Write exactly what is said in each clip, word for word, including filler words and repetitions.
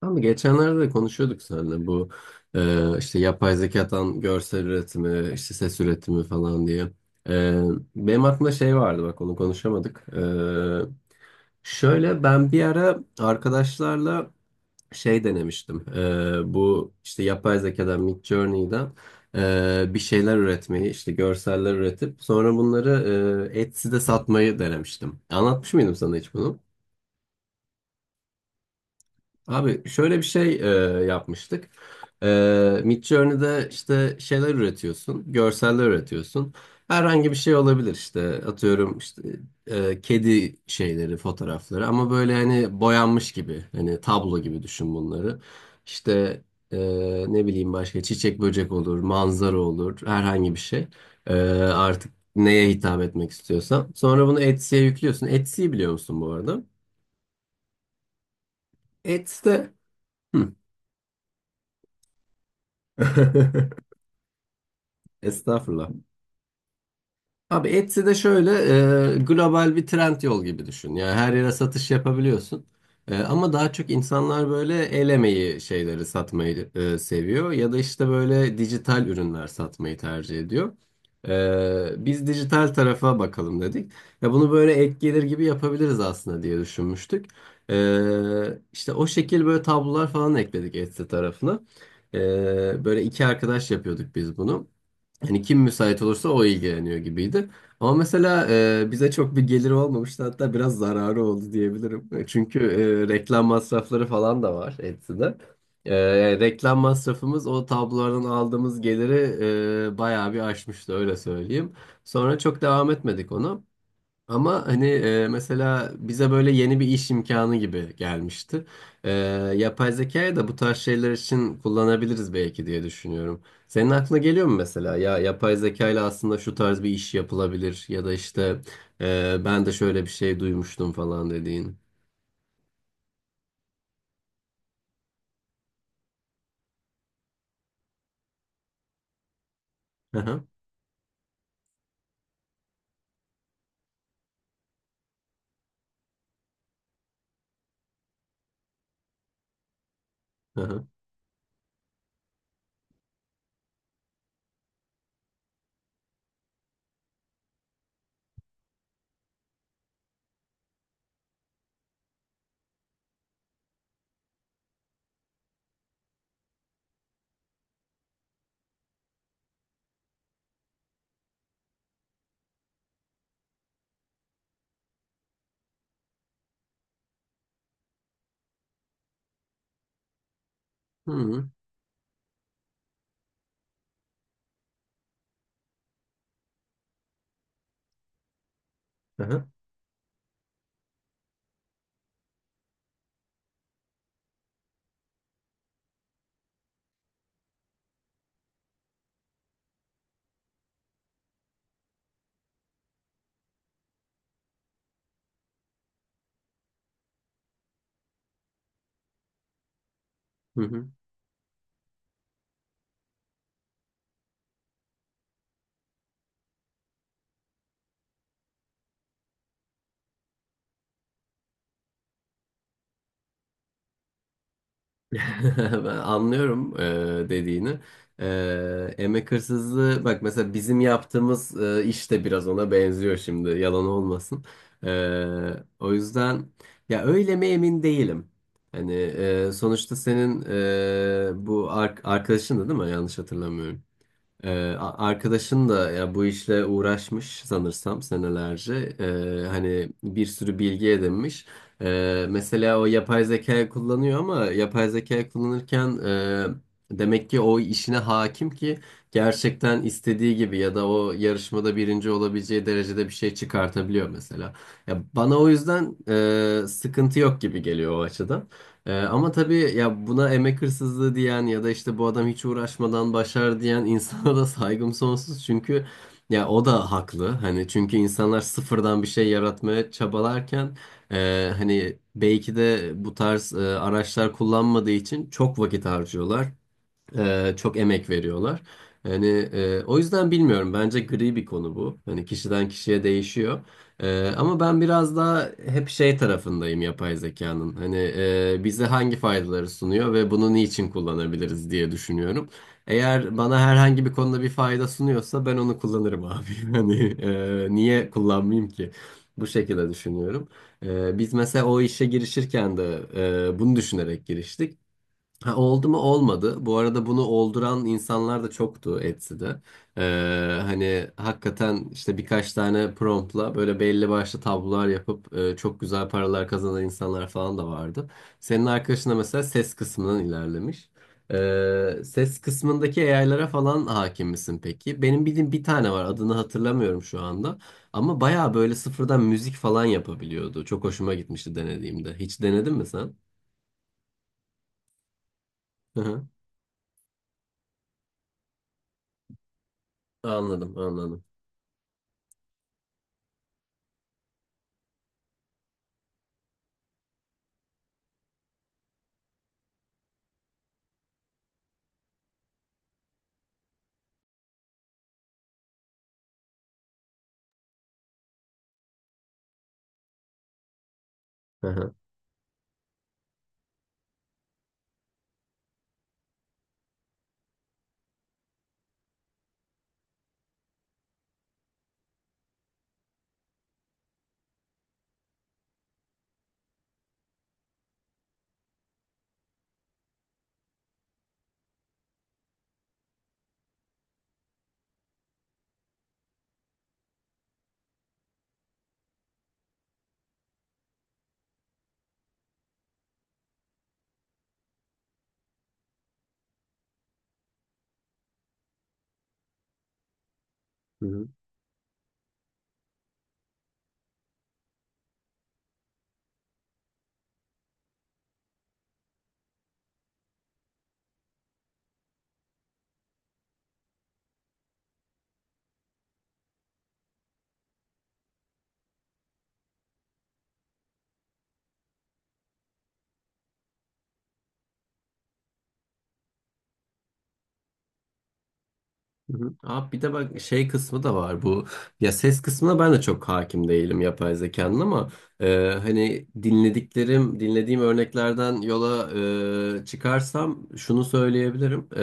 Ama geçenlerde de konuşuyorduk seninle bu e, işte yapay zekadan görsel üretimi, işte ses üretimi falan diye. E, benim aklımda şey vardı, bak onu konuşamadık. E, şöyle ben bir ara arkadaşlarla şey denemiştim. Ee, bu işte yapay zekadan Midjourney'den e, bir şeyler üretmeyi, işte görseller üretip sonra bunları e, Etsy'de satmayı denemiştim. Anlatmış mıydım sana hiç bunu? Abi şöyle bir şey e, yapmıştık. E, Midjourney'de işte şeyler üretiyorsun, görseller üretiyorsun. Herhangi bir şey olabilir işte. Atıyorum işte e, kedi şeyleri, fotoğrafları ama böyle hani boyanmış gibi, hani tablo gibi düşün bunları. İşte e, ne bileyim, başka çiçek böcek olur, manzara olur, herhangi bir şey. E, artık neye hitap etmek istiyorsan. Sonra bunu Etsy'ye yüklüyorsun. Etsy'yi biliyor musun bu arada? Etsy'de. Hı. Estağfurullah. Abi Etsy de şöyle e, global bir trend yol gibi düşün. Yani her yere satış yapabiliyorsun. E, ama daha çok insanlar böyle el emeği şeyleri satmayı e, seviyor. Ya da işte böyle dijital ürünler satmayı tercih ediyor. E, biz dijital tarafa bakalım dedik. Ya bunu böyle ek gelir gibi yapabiliriz aslında diye düşünmüştük. E, işte o şekil böyle tablolar falan ekledik Etsy tarafına. E, böyle iki arkadaş yapıyorduk biz bunu. Hani kim müsait olursa o ilgileniyor gibiydi. Ama mesela e, bize çok bir geliri olmamıştı, hatta biraz zararı oldu diyebilirim. E, Çünkü e, reklam masrafları falan da var Etsy'de. E, yani reklam masrafımız o tablolardan aldığımız geliri e, bayağı bir aşmıştı, öyle söyleyeyim. Sonra çok devam etmedik onu. Ama hani e, mesela bize böyle yeni bir iş imkanı gibi gelmişti. E, yapay zekayı da bu tarz şeyler için kullanabiliriz belki diye düşünüyorum. Senin aklına geliyor mu mesela? Ya yapay zeka ile aslında şu tarz bir iş yapılabilir ya da işte e, ben de şöyle bir şey duymuştum falan dediğin. Hı hı. Hı hı. Hmm. Hı hı. Hı hı. Ben anlıyorum e, dediğini. E, emek hırsızlığı, bak mesela bizim yaptığımız e, iş de biraz ona benziyor şimdi, yalan olmasın. E, o yüzden ya öyle mi, emin değilim. Hani e, sonuçta senin e, bu ar- arkadaşın da, değil mi? Yanlış hatırlamıyorum. Ee, a- arkadaşın da ya bu işle uğraşmış sanırsam senelerce. Ee, hani bir sürü bilgi edinmiş. Ee, mesela o yapay zeka kullanıyor ama yapay zeka kullanırken e, demek ki o işine hakim ki gerçekten istediği gibi, ya da o yarışmada birinci olabileceği derecede bir şey çıkartabiliyor mesela. Ya bana o yüzden e, sıkıntı yok gibi geliyor o açıdan. Ee, ama tabii ya, buna emek hırsızlığı diyen ya da işte bu adam hiç uğraşmadan başar diyen insana da saygım sonsuz. Çünkü ya o da haklı. Hani çünkü insanlar sıfırdan bir şey yaratmaya çabalarken e, hani belki de bu tarz e, araçlar kullanmadığı için çok vakit harcıyorlar. Ee, çok emek veriyorlar. Yani e, o yüzden bilmiyorum. Bence gri bir konu bu. Hani kişiden kişiye değişiyor. Ee, ama ben biraz daha hep şey tarafındayım, yapay zekanın. Hani e, bize hangi faydaları sunuyor ve bunu niçin kullanabiliriz diye düşünüyorum. Eğer bana herhangi bir konuda bir fayda sunuyorsa ben onu kullanırım abi. Hani e, niye kullanmayayım ki? Bu şekilde düşünüyorum. Ee, biz mesela o işe girişirken de e, bunu düşünerek giriştik. Ha, oldu mu olmadı. Bu arada bunu olduran insanlar da çoktu Etsy'de. Ee, hani hakikaten işte birkaç tane promptla böyle belli başlı tablolar yapıp e, çok güzel paralar kazanan insanlar falan da vardı. Senin arkadaşın da mesela ses kısmından ilerlemiş. Ee, ses kısmındaki A I'lara falan hakim misin peki? Benim bildiğim bir tane var, adını hatırlamıyorum şu anda. Ama baya böyle sıfırdan müzik falan yapabiliyordu. Çok hoşuma gitmişti denediğimde. Hiç denedin mi sen? Hı hı. Anladım, anladım. Hı hı. Hı hı. Hı hı. Abi bir de bak şey kısmı da var bu, ya ses kısmına ben de çok hakim değilim yapay zekanın ama e, hani dinlediklerim, dinlediğim örneklerden yola e, çıkarsam şunu söyleyebilirim. E,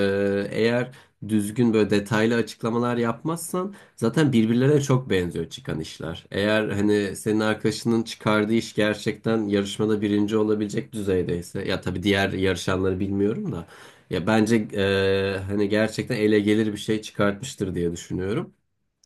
eğer düzgün böyle detaylı açıklamalar yapmazsan zaten birbirlerine çok benziyor çıkan işler, eğer hani senin arkadaşının çıkardığı iş gerçekten yarışmada birinci olabilecek düzeydeyse, ya tabii diğer yarışanları bilmiyorum da, ya bence e, hani gerçekten ele gelir bir şey çıkartmıştır diye düşünüyorum.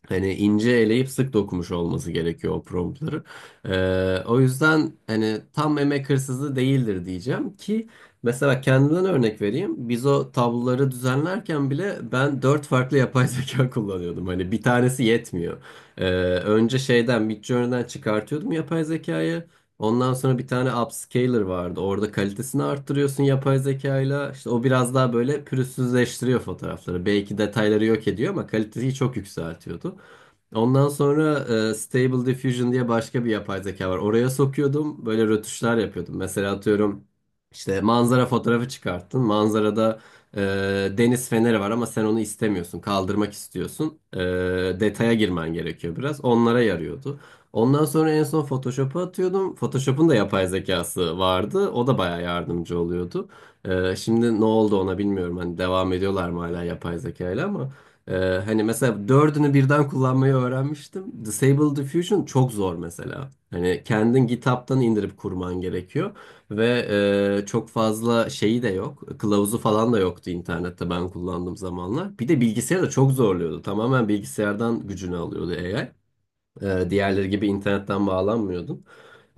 Hani ince eleyip sık dokumuş olması gerekiyor o promptları. Ee, o yüzden hani tam emek hırsızlığı değildir diyeceğim ki, mesela kendimden örnek vereyim. Biz o tabloları düzenlerken bile ben dört farklı yapay zeka kullanıyordum. Hani bir tanesi yetmiyor. Ee, önce şeyden, Midjourney'den çıkartıyordum yapay zekayı. Ondan sonra bir tane upscaler vardı. Orada kalitesini arttırıyorsun yapay zekayla. İşte o biraz daha böyle pürüzsüzleştiriyor fotoğrafları. Belki detayları yok ediyor ama kaliteyi çok yükseltiyordu. Ondan sonra e, Stable Diffusion diye başka bir yapay zeka var. Oraya sokuyordum, böyle rötuşlar yapıyordum. Mesela atıyorum, işte manzara fotoğrafı çıkarttın. Manzarada e, deniz feneri var ama sen onu istemiyorsun, kaldırmak istiyorsun. E, detaya girmen gerekiyor biraz. Onlara yarıyordu. Ondan sonra en son Photoshop'a atıyordum. Photoshop'un da yapay zekası vardı. O da bayağı yardımcı oluyordu. E, şimdi ne oldu ona bilmiyorum. Hani devam ediyorlar mı hala yapay zekayla, ama. Ee, hani mesela dördünü birden kullanmayı öğrenmiştim. Disable Diffusion çok zor mesela. Hani kendin GitHub'tan indirip kurman gerekiyor. Ve e, çok fazla şeyi de yok. Kılavuzu falan da yoktu internette ben kullandığım zamanlar. Bir de bilgisayarı da çok zorluyordu. Tamamen bilgisayardan gücünü alıyordu A I. Ee, diğerleri gibi internetten bağlanmıyordum.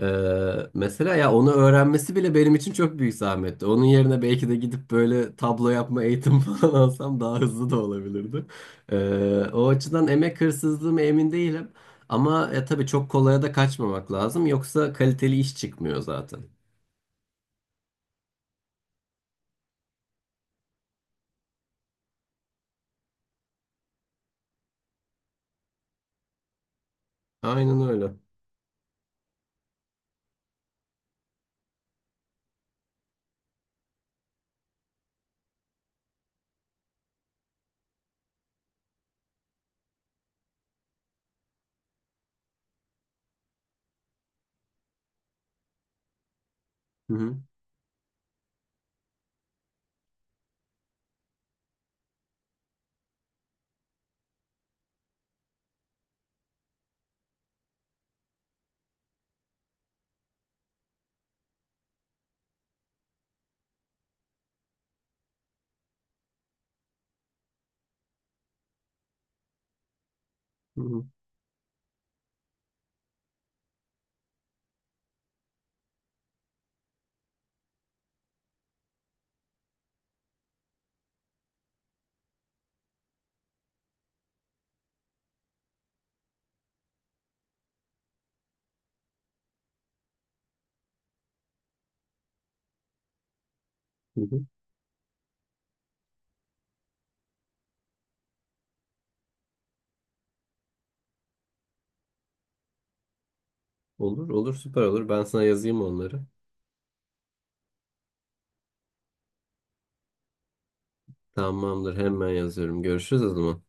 Ee, mesela ya onu öğrenmesi bile benim için çok büyük zahmetti. Onun yerine belki de gidip böyle tablo yapma eğitimi falan alsam daha hızlı da olabilirdi. Ee, o açıdan emek hırsızlığı mı, emin değilim. Ama e, tabii çok kolaya da kaçmamak lazım. Yoksa kaliteli iş çıkmıyor zaten. Aynen öyle. Hı hı, hı hı, hı hı. Olur olur, süper olur. Ben sana yazayım onları. Tamamdır, hemen yazıyorum. Görüşürüz o zaman.